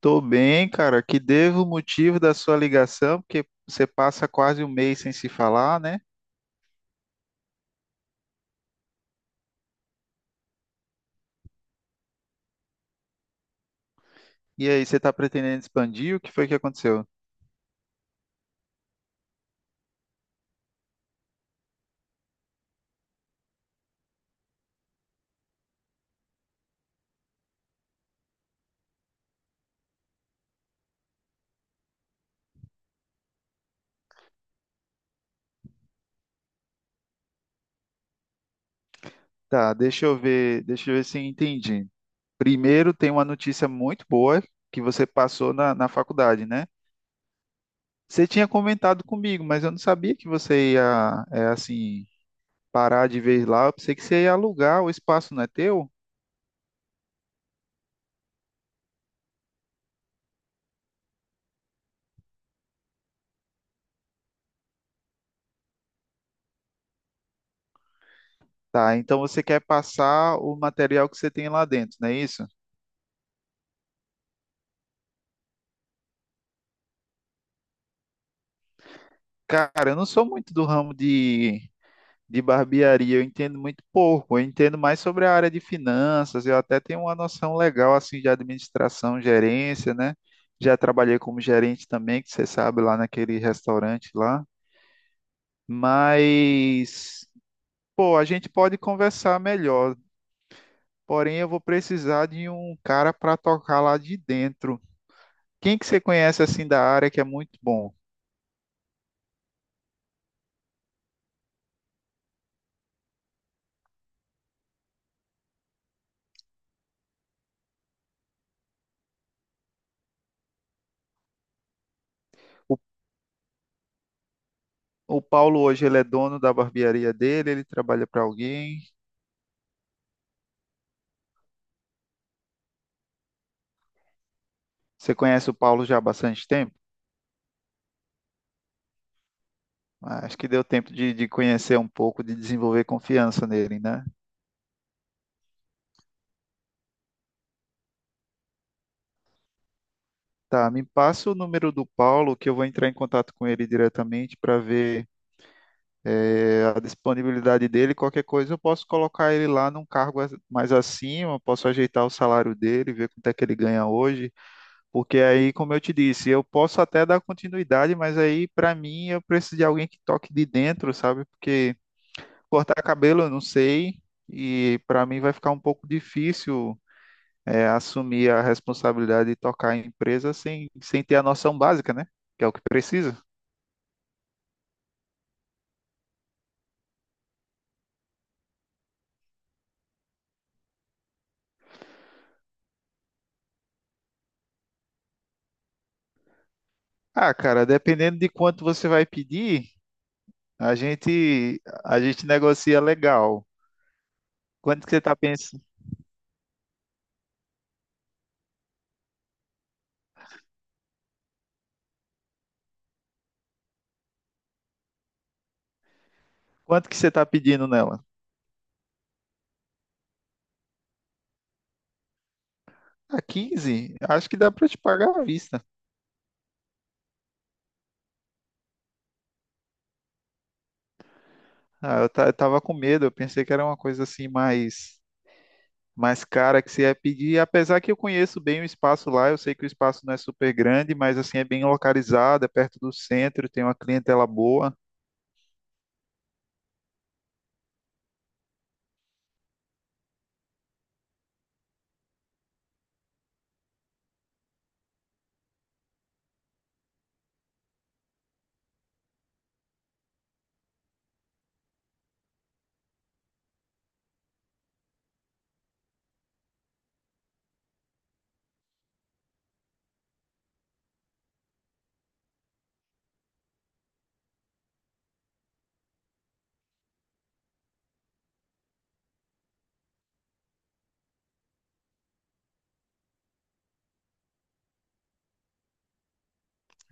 Tô bem, cara. Que devo o motivo da sua ligação, porque você passa quase um mês sem se falar, né? E aí, você tá pretendendo expandir? O que foi que aconteceu? Tá, deixa eu ver se eu entendi. Primeiro, tem uma notícia muito boa que você passou na faculdade, né? Você tinha comentado comigo, mas eu não sabia que você ia, é, assim, parar de vez lá. Eu pensei que você ia alugar, o espaço não é teu? Tá, então você quer passar o material que você tem lá dentro, não é isso? Cara, eu não sou muito do ramo de, barbearia, eu entendo muito pouco. Eu entendo mais sobre a área de finanças, eu até tenho uma noção legal assim de administração, gerência, né? Já trabalhei como gerente também, que você sabe, lá naquele restaurante lá. Mas, pô, a gente pode conversar melhor. Porém, eu vou precisar de um cara para tocar lá de dentro. Quem que você conhece assim da área que é muito bom? O, o Paulo hoje ele é dono da barbearia dele, ele trabalha para alguém. Você conhece o Paulo já há bastante tempo? Acho que deu tempo de conhecer um pouco, de desenvolver confiança nele, né? Tá, me passa o número do Paulo que eu vou entrar em contato com ele diretamente para ver a disponibilidade dele. Qualquer coisa eu posso colocar ele lá num cargo mais acima, posso ajeitar o salário dele, ver quanto é que ele ganha hoje, porque aí, como eu te disse, eu posso até dar continuidade, mas aí para mim eu preciso de alguém que toque de dentro, sabe? Porque cortar cabelo, eu não sei, e para mim vai ficar um pouco difícil assumir a responsabilidade de tocar a empresa sem, ter a noção básica, né? Que é o que precisa. Ah, cara, dependendo de quanto você vai pedir, a gente negocia legal. Quanto que você tá pensando? Quanto que você tá pedindo nela? Ah, 15, acho que dá para te pagar à vista. Ah, eu, eu tava com medo, eu pensei que era uma coisa assim mais cara que você ia pedir. Apesar que eu conheço bem o espaço lá, eu sei que o espaço não é super grande, mas assim é bem localizado, é perto do centro, tem uma clientela boa.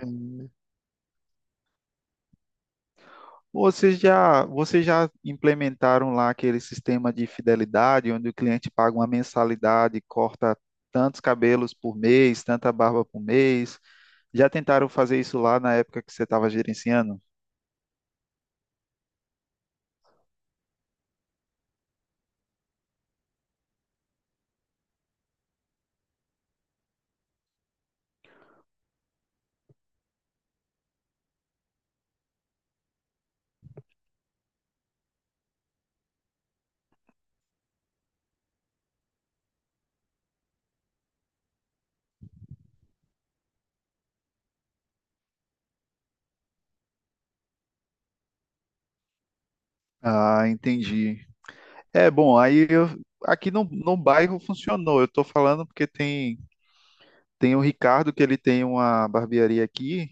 Hum. Vocês já implementaram lá aquele sistema de fidelidade, onde o cliente paga uma mensalidade, corta tantos cabelos por mês, tanta barba por mês? Já tentaram fazer isso lá na época que você estava gerenciando? Ah, entendi. É, bom, aqui no, bairro funcionou. Eu tô falando porque tem o Ricardo que ele tem uma barbearia aqui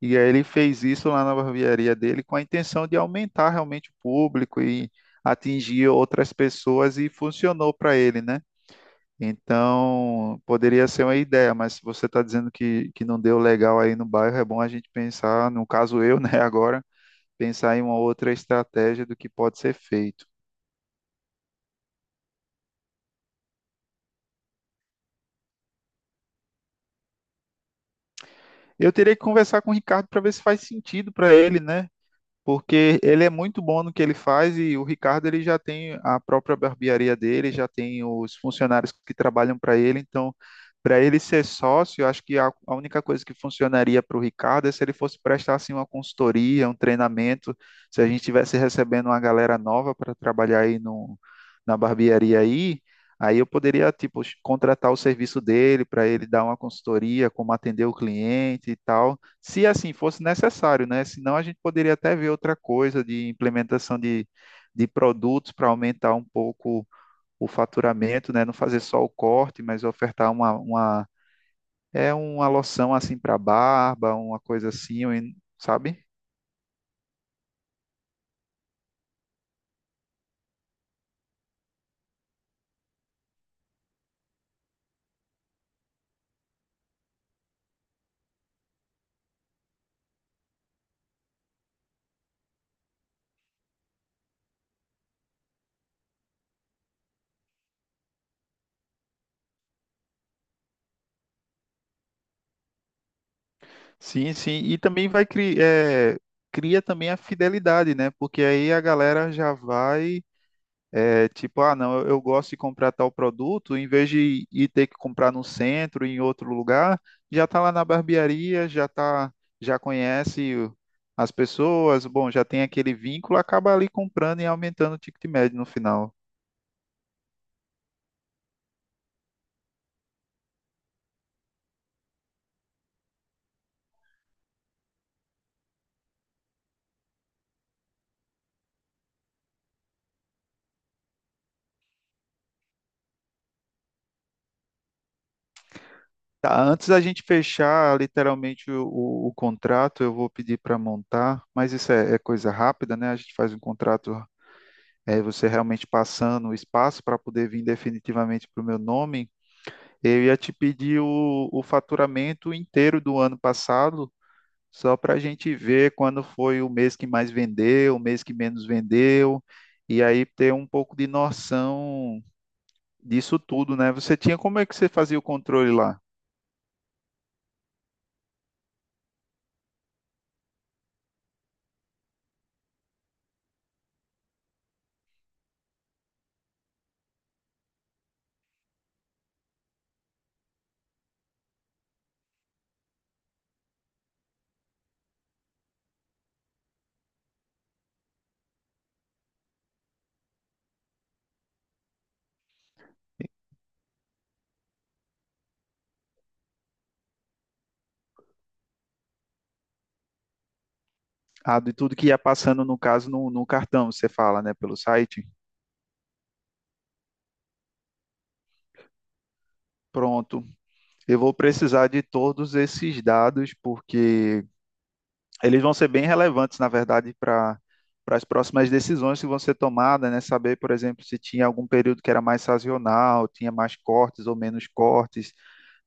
e aí ele fez isso lá na barbearia dele com a intenção de aumentar realmente o público e atingir outras pessoas e funcionou para ele, né? Então, poderia ser uma ideia, mas se você está dizendo que não deu legal aí no bairro, é bom a gente pensar, no caso eu, né, agora, pensar em uma outra estratégia do que pode ser feito. Eu teria que conversar com o Ricardo para ver se faz sentido para ele, né? Porque ele é muito bom no que ele faz e o Ricardo ele já tem a própria barbearia dele, já tem os funcionários que trabalham para ele, então para ele ser sócio, eu acho que a, única coisa que funcionaria para o Ricardo é se ele fosse prestar assim uma consultoria, um treinamento, se a gente estivesse recebendo uma galera nova para trabalhar aí no, na barbearia aí, aí eu poderia tipo contratar o serviço dele para ele dar uma consultoria, como atender o cliente e tal se assim fosse necessário, né? Senão a gente poderia até ver outra coisa de implementação de, produtos para aumentar um pouco o faturamento, né? Não fazer só o corte, mas ofertar uma uma loção assim para barba, uma coisa assim, sabe? Sim, sim. E também vai criar, cria também a fidelidade, né? Porque aí a galera já vai. É, tipo, ah, não, eu gosto de comprar tal produto, em vez de ir ter que comprar no centro, em outro lugar, já tá lá na barbearia, já tá, já conhece as pessoas, bom, já tem aquele vínculo, acaba ali comprando e aumentando o ticket médio no final. Tá, antes da gente fechar literalmente o contrato, eu vou pedir para montar, mas isso é coisa rápida, né? A gente faz um contrato, você realmente passando o espaço para poder vir definitivamente para o meu nome. Eu ia te pedir o, faturamento inteiro do ano passado, só para a gente ver quando foi o mês que mais vendeu, o mês que menos vendeu, e aí ter um pouco de noção disso tudo, né? Você tinha, como é que você fazia o controle lá? Ah, de tudo que ia passando, no caso, no, cartão, você fala, né, pelo site? Pronto, eu vou precisar de todos esses dados, porque eles vão ser bem relevantes, na verdade, para as próximas decisões que vão ser tomadas, né? Saber, por exemplo, se tinha algum período que era mais sazonal, tinha mais cortes ou menos cortes,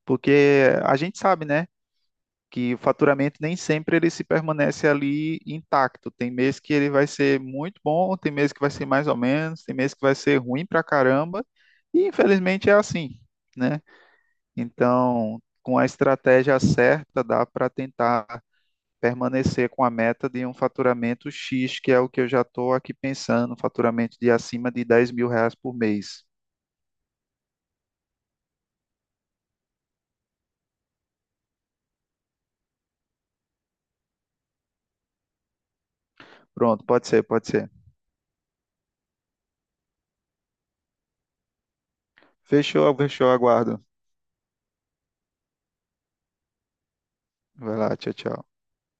porque a gente sabe, né, que o faturamento nem sempre ele se permanece ali intacto. Tem mês que ele vai ser muito bom, tem mês que vai ser mais ou menos, tem mês que vai ser ruim pra caramba, e infelizmente é assim, né? Então, com a estratégia certa, dá para tentar permanecer com a meta de um faturamento X, que é o que eu já estou aqui pensando, um faturamento de acima de 10.000 reais por mês. Pronto, pode ser, pode ser. Fechou, fechou, aguardo. Vai lá, tchau, tchau.